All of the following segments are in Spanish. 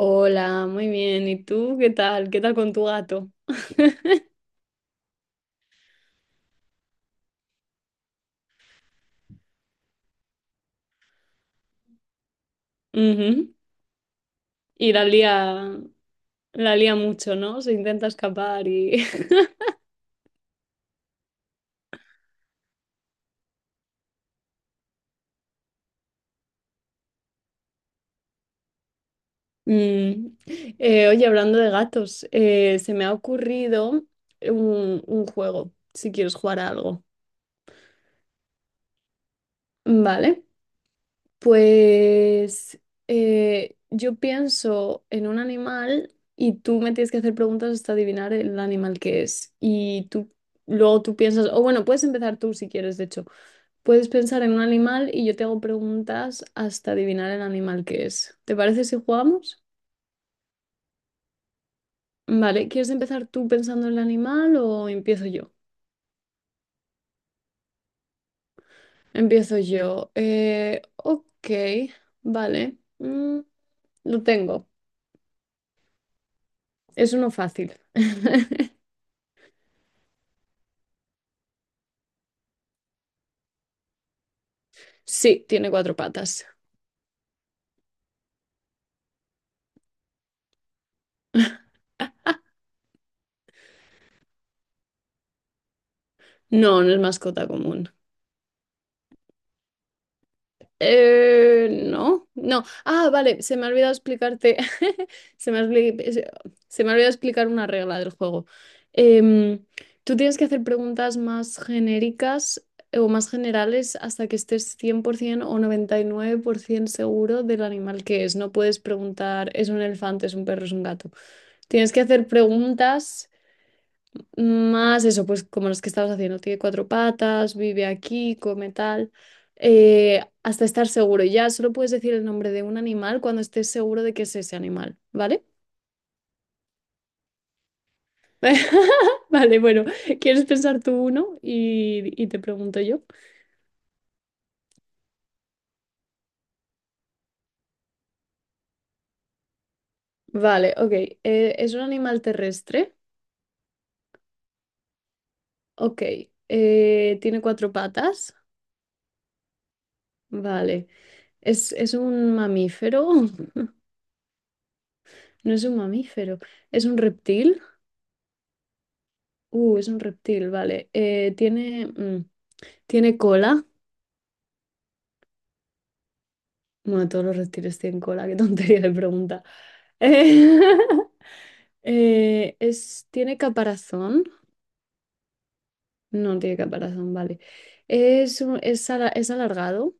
Hola, muy bien. ¿Y tú qué tal? ¿Qué tal con tu gato? Ujú. Y la lía mucho, ¿no? Se intenta escapar y... Mm. Oye, hablando de gatos, se me ha ocurrido un juego, si quieres jugar a algo. Vale, pues yo pienso en un animal y tú me tienes que hacer preguntas hasta adivinar el animal que es. Y tú luego tú piensas, o bueno, puedes empezar tú si quieres, de hecho. Puedes pensar en un animal y yo te hago preguntas hasta adivinar el animal que es. ¿Te parece si jugamos? Vale, ¿quieres empezar tú pensando en el animal o empiezo yo? Empiezo yo. Ok, vale. Mm, lo tengo. Es uno fácil. Sí, tiene cuatro patas. No, no es mascota común. No, no. Ah, vale, se me ha olvidado explicarte. Se me ha, obli- se se me ha olvidado explicar una regla del juego. Em, Tú tienes que hacer preguntas más genéricas, o más generales hasta que estés 100% o 99% seguro del animal que es. No puedes preguntar, ¿es un elefante, es un perro, es un gato? Tienes que hacer preguntas. Más eso, pues como los que estabas haciendo, tiene cuatro patas, vive aquí, come tal, hasta estar seguro. Ya solo puedes decir el nombre de un animal cuando estés seguro de que es ese animal, ¿vale? Vale, bueno, ¿quieres pensar tú uno y te pregunto yo? Vale, ok. ¿Es un animal terrestre? Ok. ¿Tiene cuatro patas? Vale. Es un mamífero? No es un mamífero, es un reptil. Es un reptil, vale. Tiene cola. Bueno, todos los reptiles tienen cola, qué tontería de pregunta. Eh, es, ¿Tiene caparazón? No tiene caparazón, vale. Es alargado.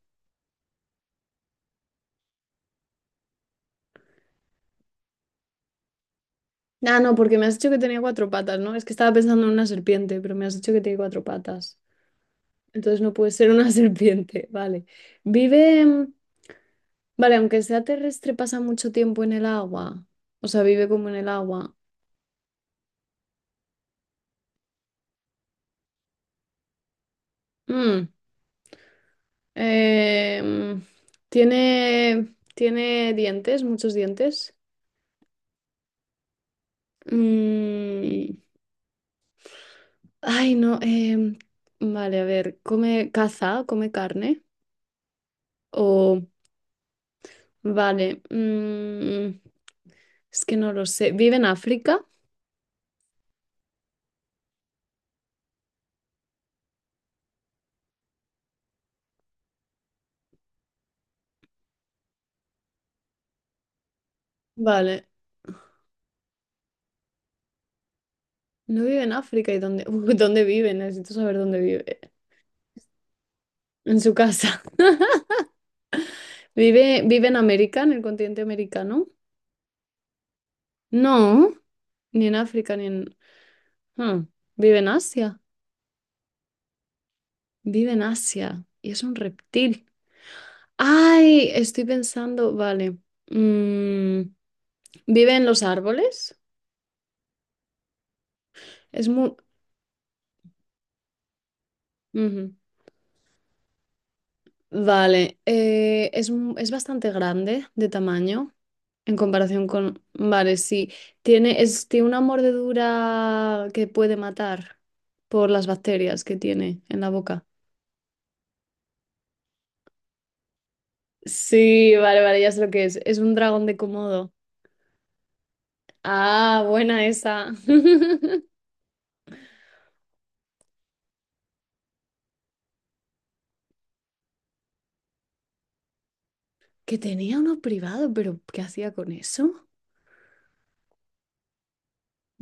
Ah, no, porque me has dicho que tenía cuatro patas, ¿no? Es que estaba pensando en una serpiente, pero me has dicho que tiene cuatro patas. Entonces no puede ser una serpiente, vale. Vive, mm, vale, aunque sea terrestre, pasa mucho tiempo en el agua. O sea, vive como en el agua. Mm, eh, mm, Tiene, tiene dientes, muchos dientes. Mm, ay, no. Vale, a ver, come caza, come carne. O, vale. Es que no lo sé. ¿Vive en África? Vale. No vive en África. ¿Y dónde, dónde vive? Necesito saber dónde vive. En su casa. Vive en América, en el continente americano? No, ni en África, ni en... Hmm, ¿vive en Asia? Vive en Asia y es un reptil. Ay, estoy pensando, vale. Mm, ¿vive en los árboles? Es muy... Ujú. Vale, es bastante grande de tamaño en comparación con... Vale, sí. Tiene una mordedura que puede matar por las bacterias que tiene en la boca. Sí, vale, vale, ya sé lo que es. Es un dragón de Komodo. Ah, buena esa. Que tenía uno privado, pero ¿qué hacía con eso?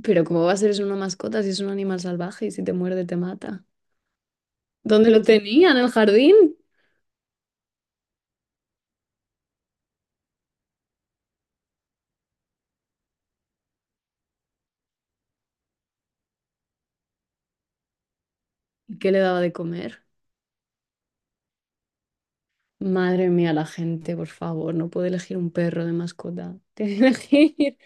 Pero ¿cómo va a ser eso una mascota si es un animal salvaje y si te muerde te mata? ¿Dónde lo tenía? ¿En el jardín? ¿Y qué le daba de comer? Madre mía, la gente, por favor, no puede elegir un perro de mascota. Tiene que elegir.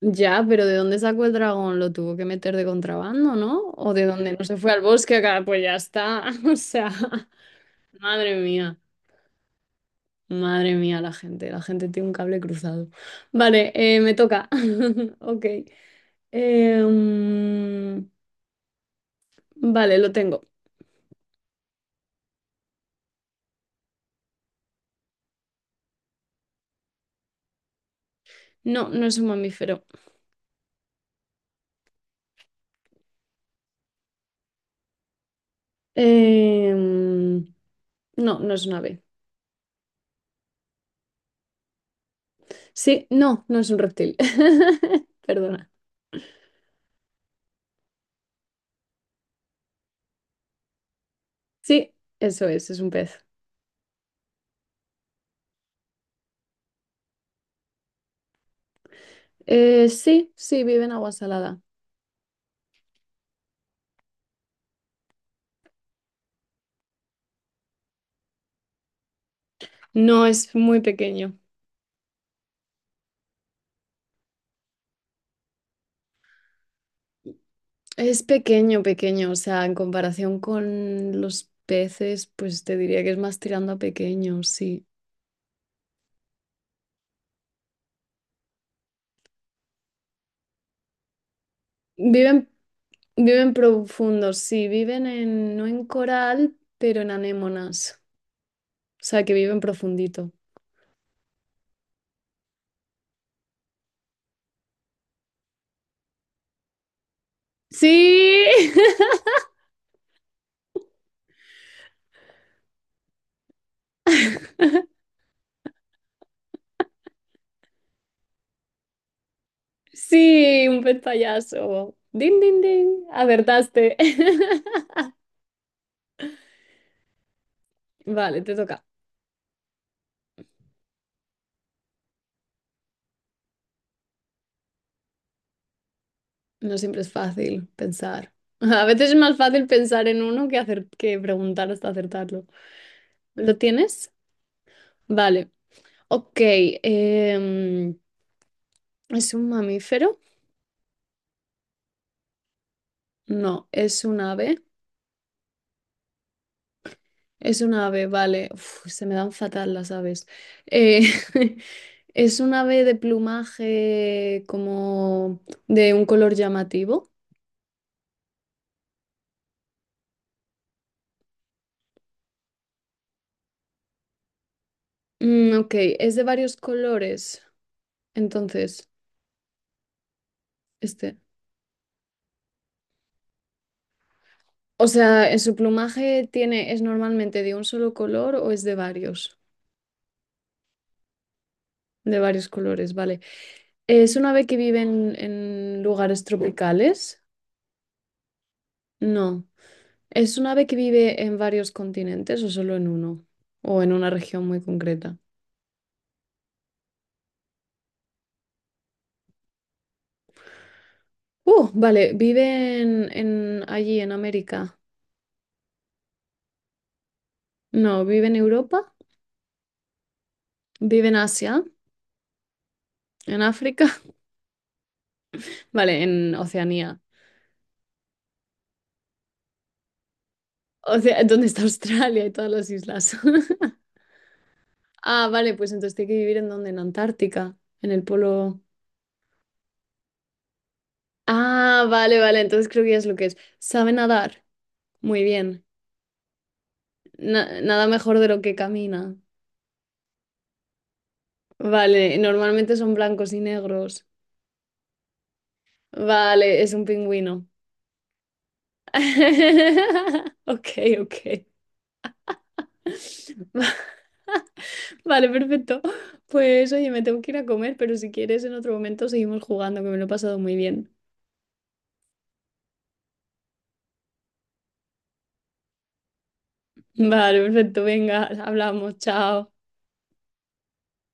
Ya, pero ¿de dónde sacó el dragón? ¿Lo tuvo que meter de contrabando, no? ¿O de dónde no se fue al bosque? ¿Acá? Pues ya está. O sea, madre mía, madre mía, la gente. La gente tiene un cable cruzado. Vale, me toca. Ok. Em, vale, lo tengo. No, no es un mamífero. Em, no, no es un ave. Sí, no, no es un reptil. Perdona. Sí, eso es un pez. Sí, sí, vive en agua salada. No, es muy pequeño. Es pequeño, pequeño. O sea, en comparación con los peces, pues te diría que es más tirando a pequeño, sí. Viven, Viven profundos, sí, viven en, no en coral, pero en anémonas. O sea, que viven profundito. Sí, sí, un pantallazo. Ding, ding, ding. Acertaste. Vale, te toca. No siempre es fácil pensar. A veces es más fácil pensar en uno que, hacer, que preguntar hasta acertarlo. ¿Lo tienes? Vale. Ok. em, ¿Es un mamífero? No, es un ave. Es un ave, vale. Uf, se me dan fatal las aves. Eh, es un ave de plumaje como de un color llamativo. Mm, ok, es de varios colores. Entonces, este. O sea, ¿en su plumaje tiene, es normalmente de un solo color o es de varios? De varios colores, vale. ¿Es un ave que vive en lugares tropicales? No. ¿Es un ave que vive en varios continentes o solo en uno? ¿O en una región muy concreta? Vale, ¿vive en allí, en América? No, ¿vive en Europa? ¿Vive en Asia? ¿En África? Vale, en Oceanía. O sea, ¿dónde está Australia y todas las islas? Ah, vale, pues entonces tiene que vivir en donde, en Antártica, en el polo. Ah, vale, vale, entonces creo que ya es lo que es. ¿Sabe nadar? Muy bien. Na- nada mejor de lo que camina. Vale, normalmente son blancos y negros. Vale, es un pingüino. Ok, ok. Va- Vale, perfecto. Pues oye, me tengo que ir a comer, pero si quieres en otro momento seguimos jugando, que me lo he pasado muy bien. Vale, perfecto, venga, hablamos, chao.